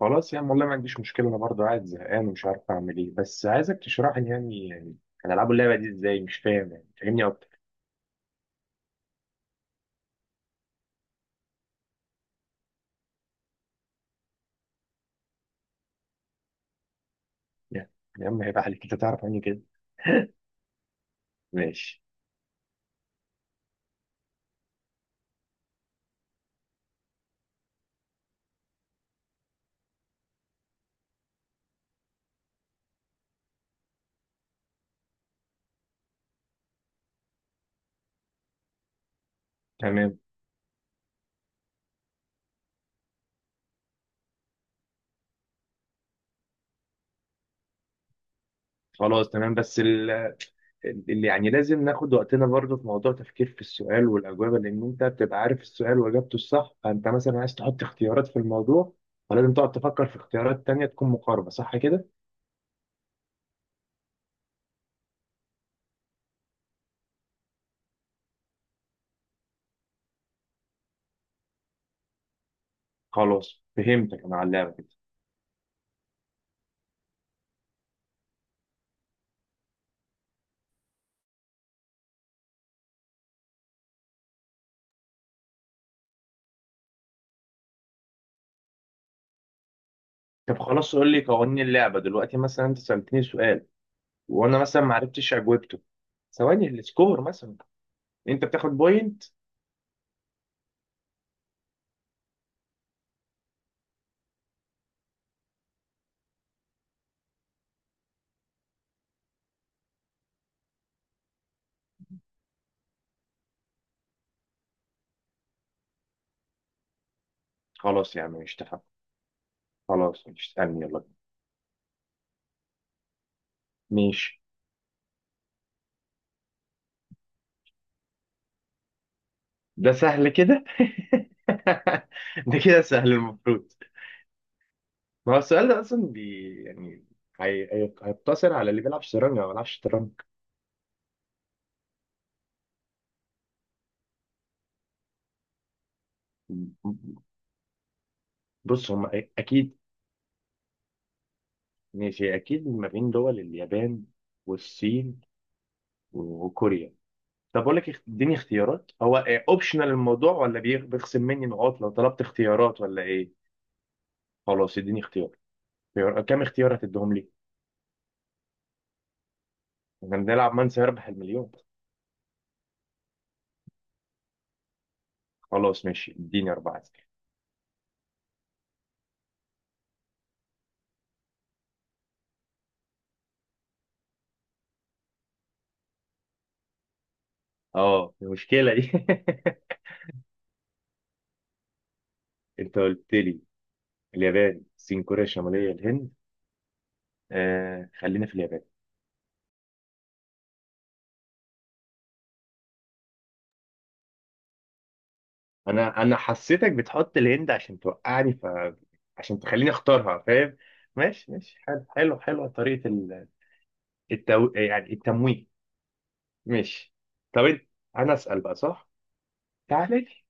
خلاص، يعني والله ما عنديش مشكلة. أنا برضه قاعد زهقان ومش عارف أعمل إيه، بس عايزك تشرح لي يعني هنلعبوا اللعبة دي إزاي؟ مش فاهم، يعني فاهمني أكتر. يعني يا عم هيبقى عليك أنت تعرف عني كده. ماشي. تمام. خلاص، تمام. بس اللي يعني لازم ناخد وقتنا برضه في موضوع تفكير في السؤال والأجوبة، لأن أنت بتبقى عارف السؤال وإجابته الصح، فأنت مثلا عايز تحط اختيارات في الموضوع، فلازم تقعد تفكر في اختيارات تانية تكون مقاربة، صح كده؟ خلاص، فهمتك أنا على اللعبة كده. طب خلاص، قول لي قوانين اللعبة دلوقتي. مثلا أنت سألتني سؤال، وانا مثلا ما عرفتش اجوبته. ثواني، السكور مثلا، انت بتاخد بوينت؟ خلاص يا عم، مش تفهم. خلاص، مش تسالني، يلا. ماشي. ده سهل كده؟ ده كده سهل المفروض. ما هو السؤال ده اصلا بي يعني، هيقتصر على اللي بيلعب شطرنج او ما بيلعبش شطرنج. بص، هم اكيد. ماشي، اكيد ما بين دول اليابان والصين وكوريا. طب اقول لك، اديني اختيارات. هو اوبشنال الموضوع، ولا بيخصم مني نقاط لو طلبت اختيارات، ولا ايه؟ خلاص، اديني اختيار. كام اختيار هتديهم لي؟ احنا بنلعب من سيربح المليون؟ خلاص ماشي، اديني أربعة أسئلة. اه، المشكلة دي. انت قلت لي اليابان، الصين، كوريا الشمالية، الهند. آه، خلينا في اليابان. انا حسيتك بتحط الهند عشان توقعني، عشان تخليني اختارها فاهم. ماشي ماشي، حلو حلو حلو، طريقة يعني التمويه. ماشي. طب انا اسأل بقى صح؟ تعالى لي،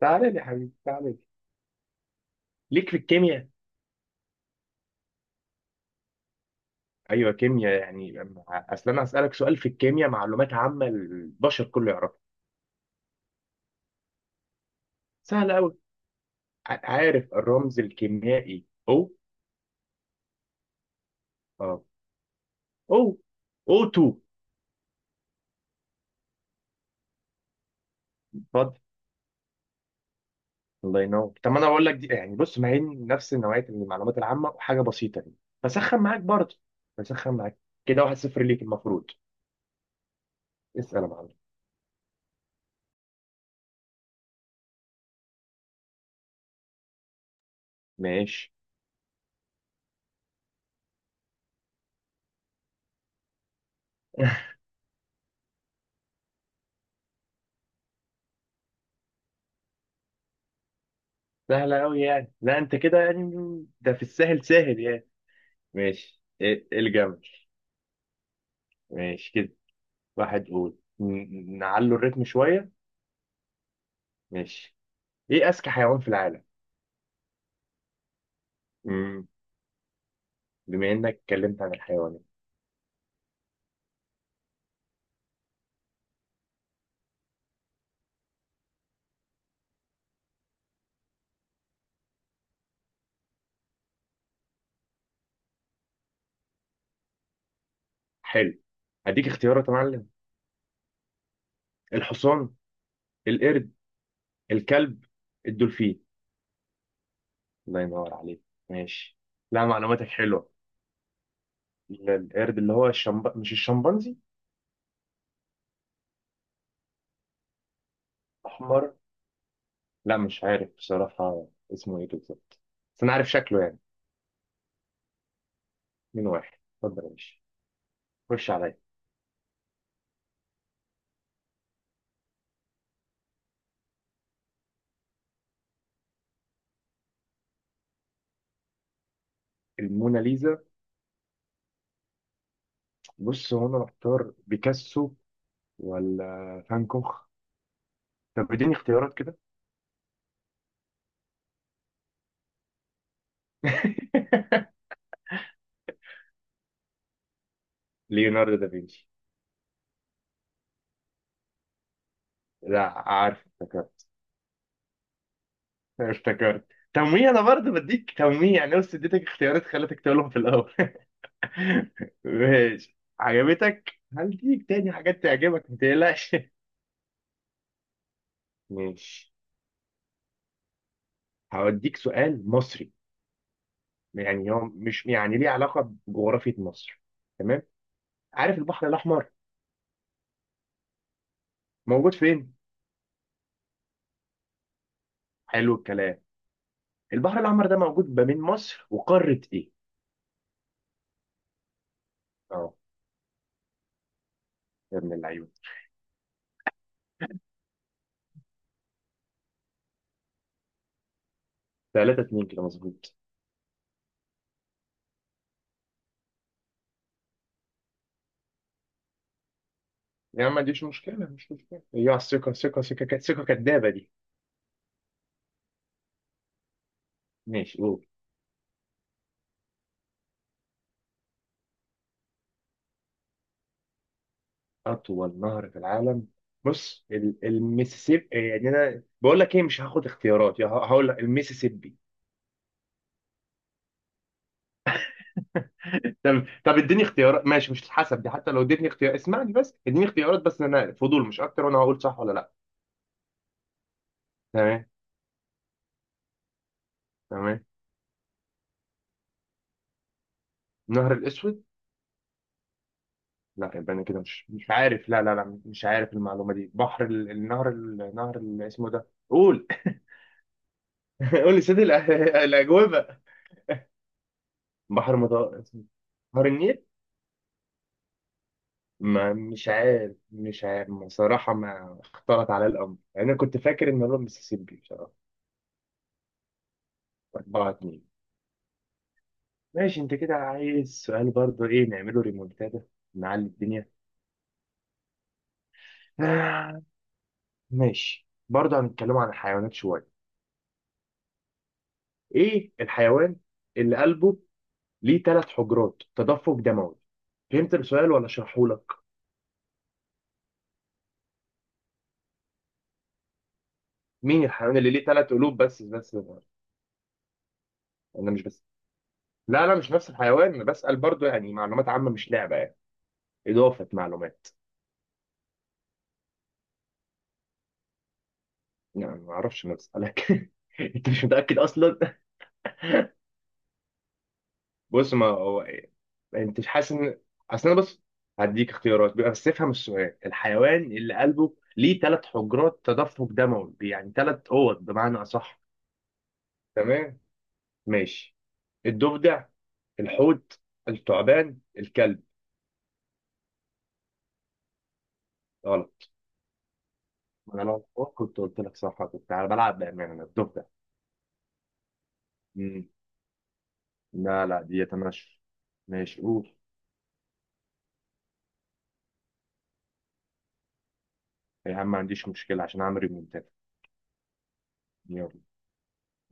تعالى لي يا حبيبي، تعالى لي. ليك في الكيمياء. ايوه كيمياء يعني، اصل انا اسالك سؤال في الكيمياء، معلومات عامه البشر كله يعرفها. سهل قوي. عارف الرمز الكيميائي؟ او اه او او 2. اتفضل. الله ينور. طب ما انا اقول لك دي يعني، بص ما هي نفس نوعيه المعلومات العامه وحاجه بسيطه يعني. بسخن معاك برضه، بسخن معاك. كده 1-0 ليك المفروض. اسال يا معلم. ماشي. سهله قوي يعني، لا انت كده يعني. ده في السهل سهل يعني. ماشي الجمل. ماشي كده واحد. قول، نعلو الريتم شوية. ماشي. ايه اذكى حيوان في العالم؟ مم. بما انك اتكلمت عن الحيوانات. حلو، هديك اختيارات يا معلم. الحصان، القرد، الكلب، الدولفين. الله ينور عليك. ماشي. لا، معلوماتك حلوة. القرد اللي هو مش الشمبانزي. احمر. لا، مش عارف بصراحة اسمه ايه بالظبط، بس انا عارف شكله يعني. من واحد. اتفضل يا باشا. خش عليا. الموناليزا. بص، هو انا محتار بيكاسو، ولا فان كوخ؟ طب اديني اختيارات كده. ليوناردو دافنشي. لا، عارف افتكرت. افتكرت. تمويه، انا برضه بديك تمويه يعني، بس اديتك اختيارات خلتك تقولهم في الاول. ماشي. عجبتك؟ هل ديك تاني حاجات تعجبك، ما تقلقش. ماشي. هوديك سؤال مصري. يعني هو مش يعني ليه علاقة بجغرافية مصر. تمام. عارف البحر الأحمر موجود فين؟ حلو الكلام. البحر الأحمر ده موجود ما بين مصر وقارة إيه؟ اه، يا ابن اللعيبة. 3-2 كده مظبوط. يا عم ما عنديش مشكلة، مش مشكلة هي الثقة. ثقة، ثقة، ثقة كدابة دي. ماشي، قول. أطول نهر في العالم؟ بص، المسيسيبي. يعني أنا بقول لك إيه، مش هاخد اختيارات، يا هقول لك المسيسيبي. طب اديني اختيارات. ماشي، مش هتحسب دي حتى لو اديتني اختيار. اسمعني بس، اديني اختيارات بس، أنا فضول مش أكتر، وأنا هقول صح ولا لأ. تمام. تمام. النهر الأسود. لا، يبقى أنا كده مش عارف. لا لا لا، مش عارف المعلومة دي. بحر النهر اللي اسمه ده، قول. قول لي سيدي الأجوبة. بحر متوسط، نهر النيل. ما مش عارف، مش عارف بصراحة، ما اختلط على الأمر يعني. أنا كنت فاكر إن هو المسيسيبي بصراحة. 4-2. ماشي. أنت كده عايز سؤال برضه، إيه نعمله ريمونتادا، نعلي الدنيا. آه، ماشي. برضه هنتكلم عن الحيوانات شوية. إيه الحيوان اللي قلبه ليه ثلاث حجرات تدفق دموي؟ فهمت السؤال ولا أشرحهولك؟ مين الحيوان اللي ليه ثلاث قلوب بس بس؟ أنا مش بس. لا لا، مش نفس الحيوان، أنا بسأل برضو. يعني معلومات عامة، مش لعبة يعني، إضافة معلومات. يعني ما أعرفش، أنا بسألك. أنت مش متأكد أصلا. بص، ما هو. أنت مش حاسس إن، أصل أنا بص، هديك اختيارات بيبقى، بس افهم السؤال. الحيوان اللي قلبه ليه ثلاث حجرات تدفق دموي، يعني ثلاث أوض بمعنى أصح. تمام. ماشي. الضفدع، الحوت، الثعبان، الكلب. غلط. أنا لو كنت قلت لك صح، كنت بلعب بأمانة. أنا الضفدع. مم. لا لا، دي ماشي. ماشي، قول. يا عم ما عنديش مشكلة عشان أعمل ريمونتادا. يلا،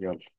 يلا.